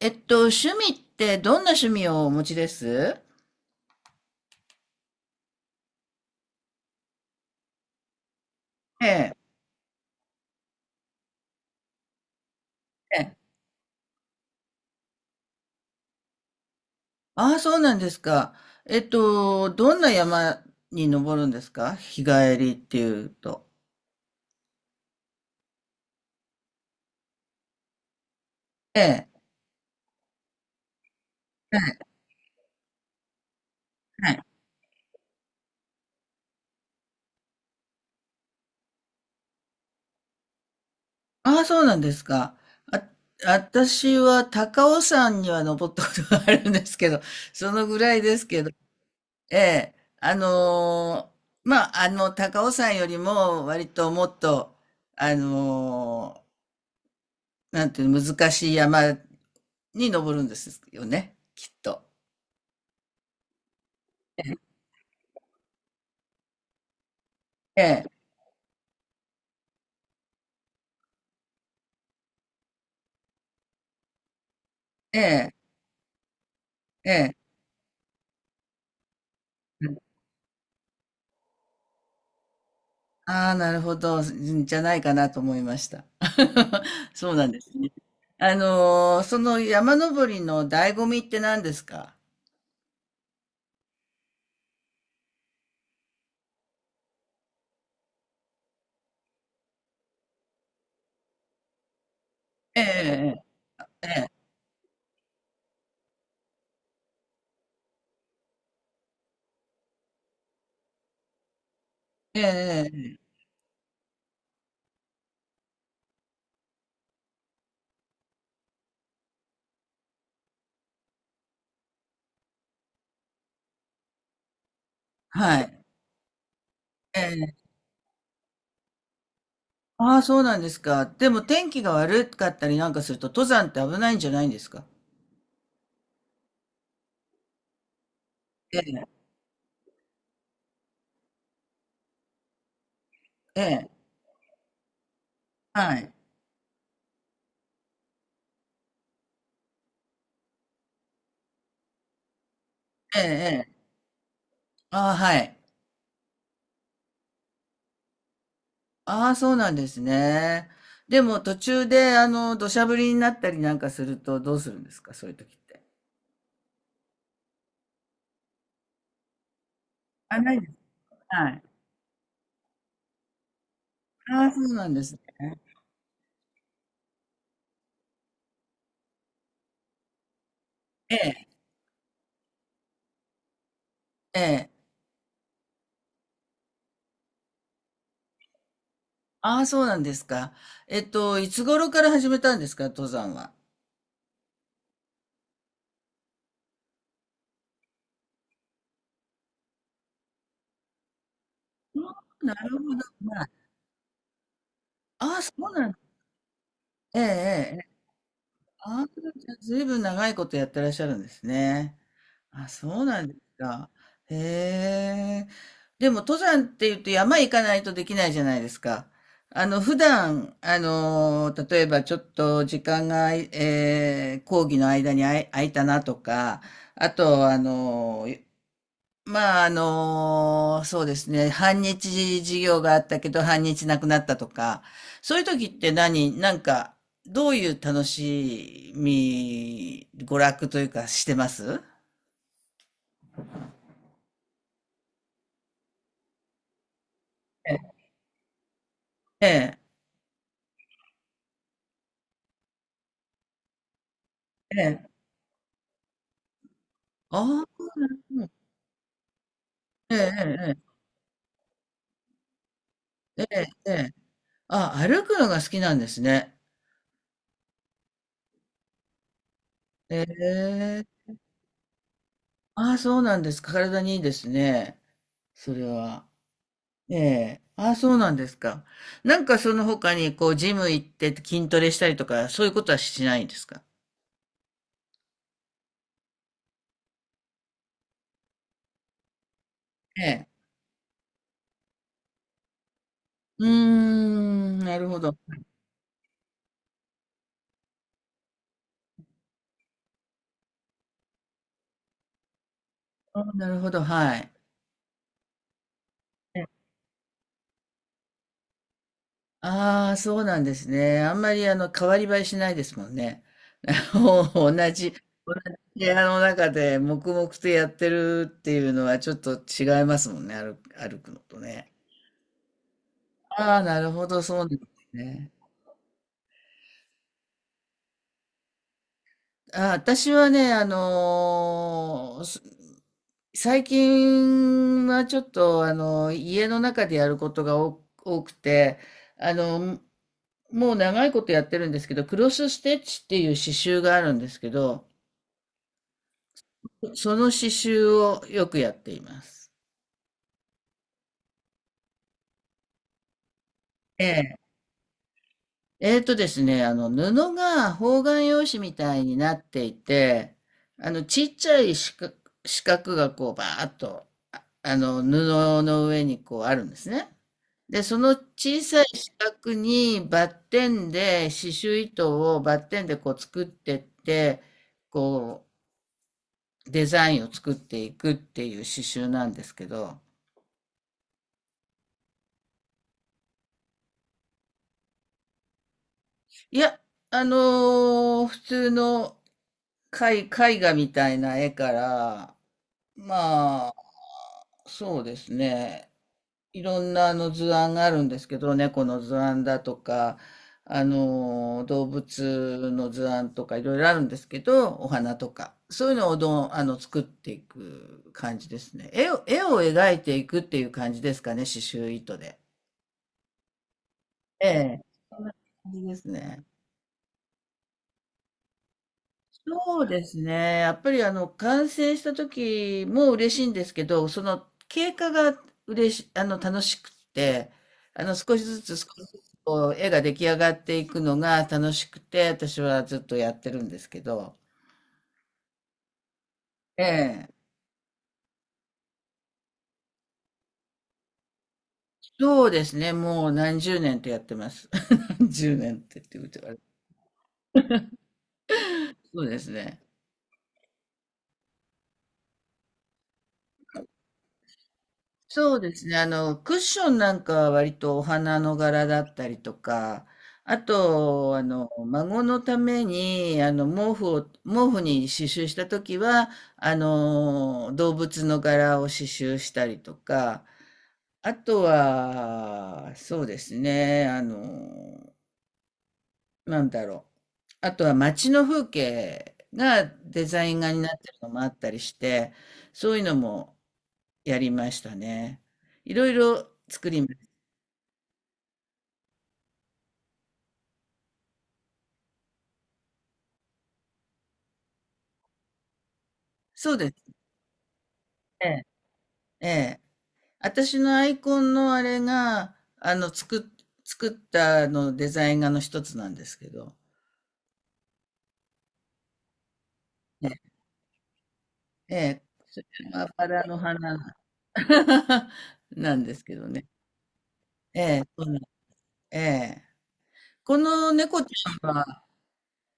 趣味ってどんな趣味をお持ちです？ええ。ええ。ああ、そうなんですか。どんな山に登るんですか、日帰りっていうと。ええ。ええ。はい。ああ、そうなんですか。あ、私は高尾山には登ったことがあるんですけど、そのぐらいですけど。ええ。まあ、高尾山よりも割ともっと、あのーなんていうの、難しい山に上るんですよね、きっと。ええ、ええ、ええ。ああ、なるほど、んじゃないかなと思いました。そうなんですね。その山登りの醍醐味って何ですか？ええ。ええええええ。はい。ええ。ああ、そうなんですか。でも天気が悪かったりなんかすると、登山って危ないんじゃないんですか？ええ、ええ、はい。ええええ。ああ、はい。ああ、そうなんですね。でも途中で、土砂降りになったりなんかするとどうするんですか、そういう時って。あ、ないです。はい。ああ、そうなんですね。ええ、ええ。ああ、そうなんですか。いつ頃から始めたんですか、登山は。ああ、なるほど。まあ、ああ、そうなん、ええ、ええ。ええ、ああ、じゃあ、ずいぶん長いことやってらっしゃるんですね。あ、そうなんですか。へえ。でも登山って言うと山行かないとできないじゃないですか。普段、例えばちょっと時間が、講義の間に空いたなとか、あと、まあ、そうですね、半日授業があったけど半日なくなったとか、そういう時ってなんか、どういう楽しみ、娯楽というかしてます？ええ。ええ。ああ、なるほど。ええええええ。ええええ。あ、歩くのが好きなんですね。ええ。ああ、そうなんですか。体にいいですね、それは。ええ。ああ、そうなんですか。なんかその他にこうジム行って筋トレしたりとか、そういうことはしないんですか？ええ。うーん、なるほど。ああ、なるほど、はい。ああ、そうなんですね。あんまり、変わり映えしないですもんね。あの同じ、同じ部屋の中で黙々とやってるっていうのはちょっと違いますもんね、歩くのとね。ああ、なるほど、そうなんですね。あ、私はね、あのーす最近はちょっと、家の中でやることが多くて、あの、もう長いことやってるんですけど、クロスステッチっていう刺繍があるんですけど、その刺繍をよくやっています。ええ、えーとですね、布が方眼用紙みたいになっていて、ちっちゃい四角がこう、バーッと、布の上にこうあるんですね。で、その小さい四角にバッテンで、刺繍糸をバッテンでこう作ってって、こう、デザインを作っていくっていう刺繍なんですけど、いや、あの普通の絵画みたいな絵から、まあ、そうですね。いろんな、図案があるんですけど、猫の図案だとか、動物の図案とかいろいろあるんですけど、お花とか。そういうのを作っていく感じですね。絵を描いていくっていう感じですかね、刺繍糸で。ええ。そんな感じですね。そうですね。やっぱり、完成した時も嬉しいんですけど、その経過が楽しくって、少しずつ少しずつこう、絵が出来上がっていくのが楽しくて、私はずっとやってるんですけど、ええ、そうですね。もう何十年とやってます。何十年って言うとあれ、そうですね。そうですね。クッションなんかは割とお花の柄だったりとか、あと、孫のために、毛布に刺繍したときは、動物の柄を刺繍したりとか、あとは、そうですね、なんだろう。あとは街の風景がデザイン画になってるのもあったりして、そういうのも、やりましたね。いろいろ作りました。そうですね。ええ。私のアイコンのあれが、作ったあのデザイン画の一つなんですけど、ね、ええ、それはバラの花、 なんですけどね。ええ、そうなん、ええ。この猫ちゃんは、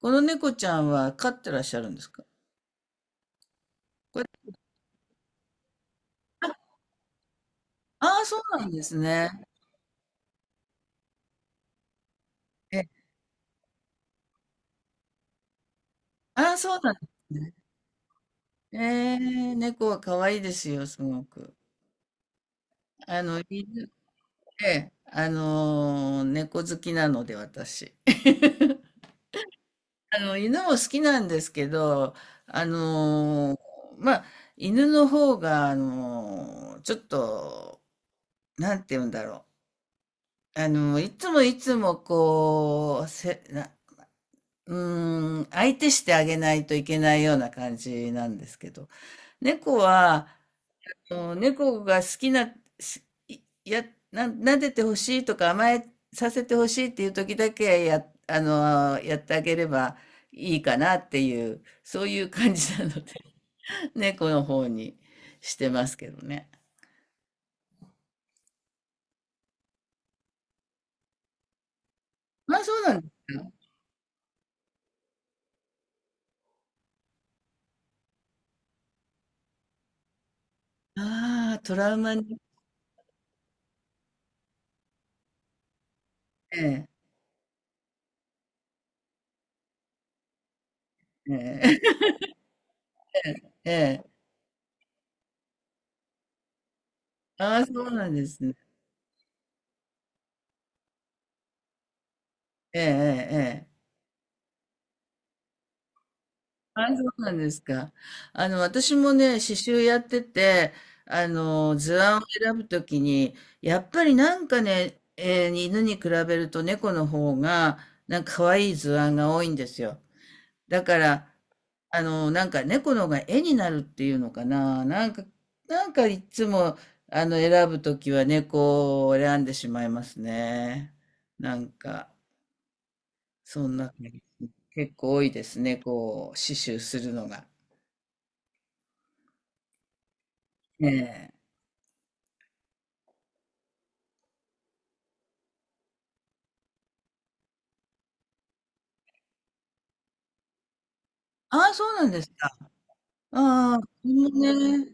この猫ちゃんは飼ってらっしゃるんですか？これ、ああ、そうなんですね。ええ、ああ、そうなんですね。ええ、猫は可愛いですよ、すごく。あの、犬で、えあの、猫好きなので、私。犬も好きなんですけど、あの、まあ、犬の方が、ちょっと、なんて言うんだろう。いつもいつも、こう、うーん、相手してあげないといけないような感じなんですけど、猫は、もう猫が好きな、すいや、撫でてほしいとか甘えさせてほしいっていう時だけやってあげればいいかなっていう、そういう感じなので、猫の方にしてますけどね。まあそうなんですよ。ああ、トラウマに。ええ、ええ、ええ。ああ、そうなんですね。ええ、ええ。ええ、あ、そうなんですか。私もね、刺繍やってて、図案を選ぶときに、やっぱり、なんかね、犬に比べると猫の方が、なんか可愛い図案が多いんですよ。だから、なんか猫の方が絵になるっていうのかな。なんかいつも、選ぶときは猫を選んでしまいますね。なんか、そんな、結構多いですね、こう、刺繍するのが。ええ、ああ、そうなんですか。ああ、スズメね。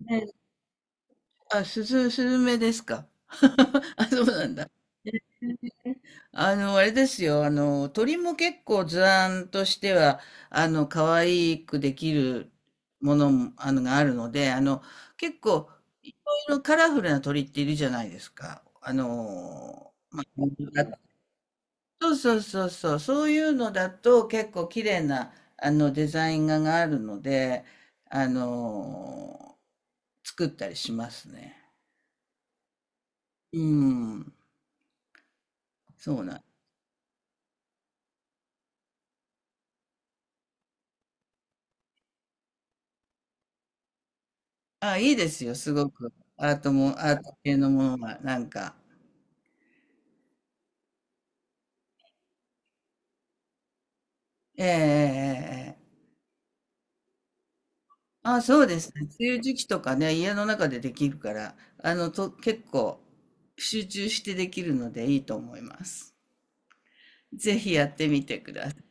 ね、あ、すずスズメですか。あ、そうなんだ。あれですよ。鳥も結構図案としては、可愛くできるものも、があるので、結構、いろいろカラフルな鳥っているじゃないですか。まあ、そうそうそうそう、そういうのだと結構綺麗な、あのデザイン画があるので、あの作ったりしますね。うん、そうなん。あ、いいですよ、すごく。アートも、アート系のものが、なんか。ええええええ、あ、そうですね。梅雨時期とかね、家の中でできるから、結構集中してできるのでいいと思います。ぜひやってみてください。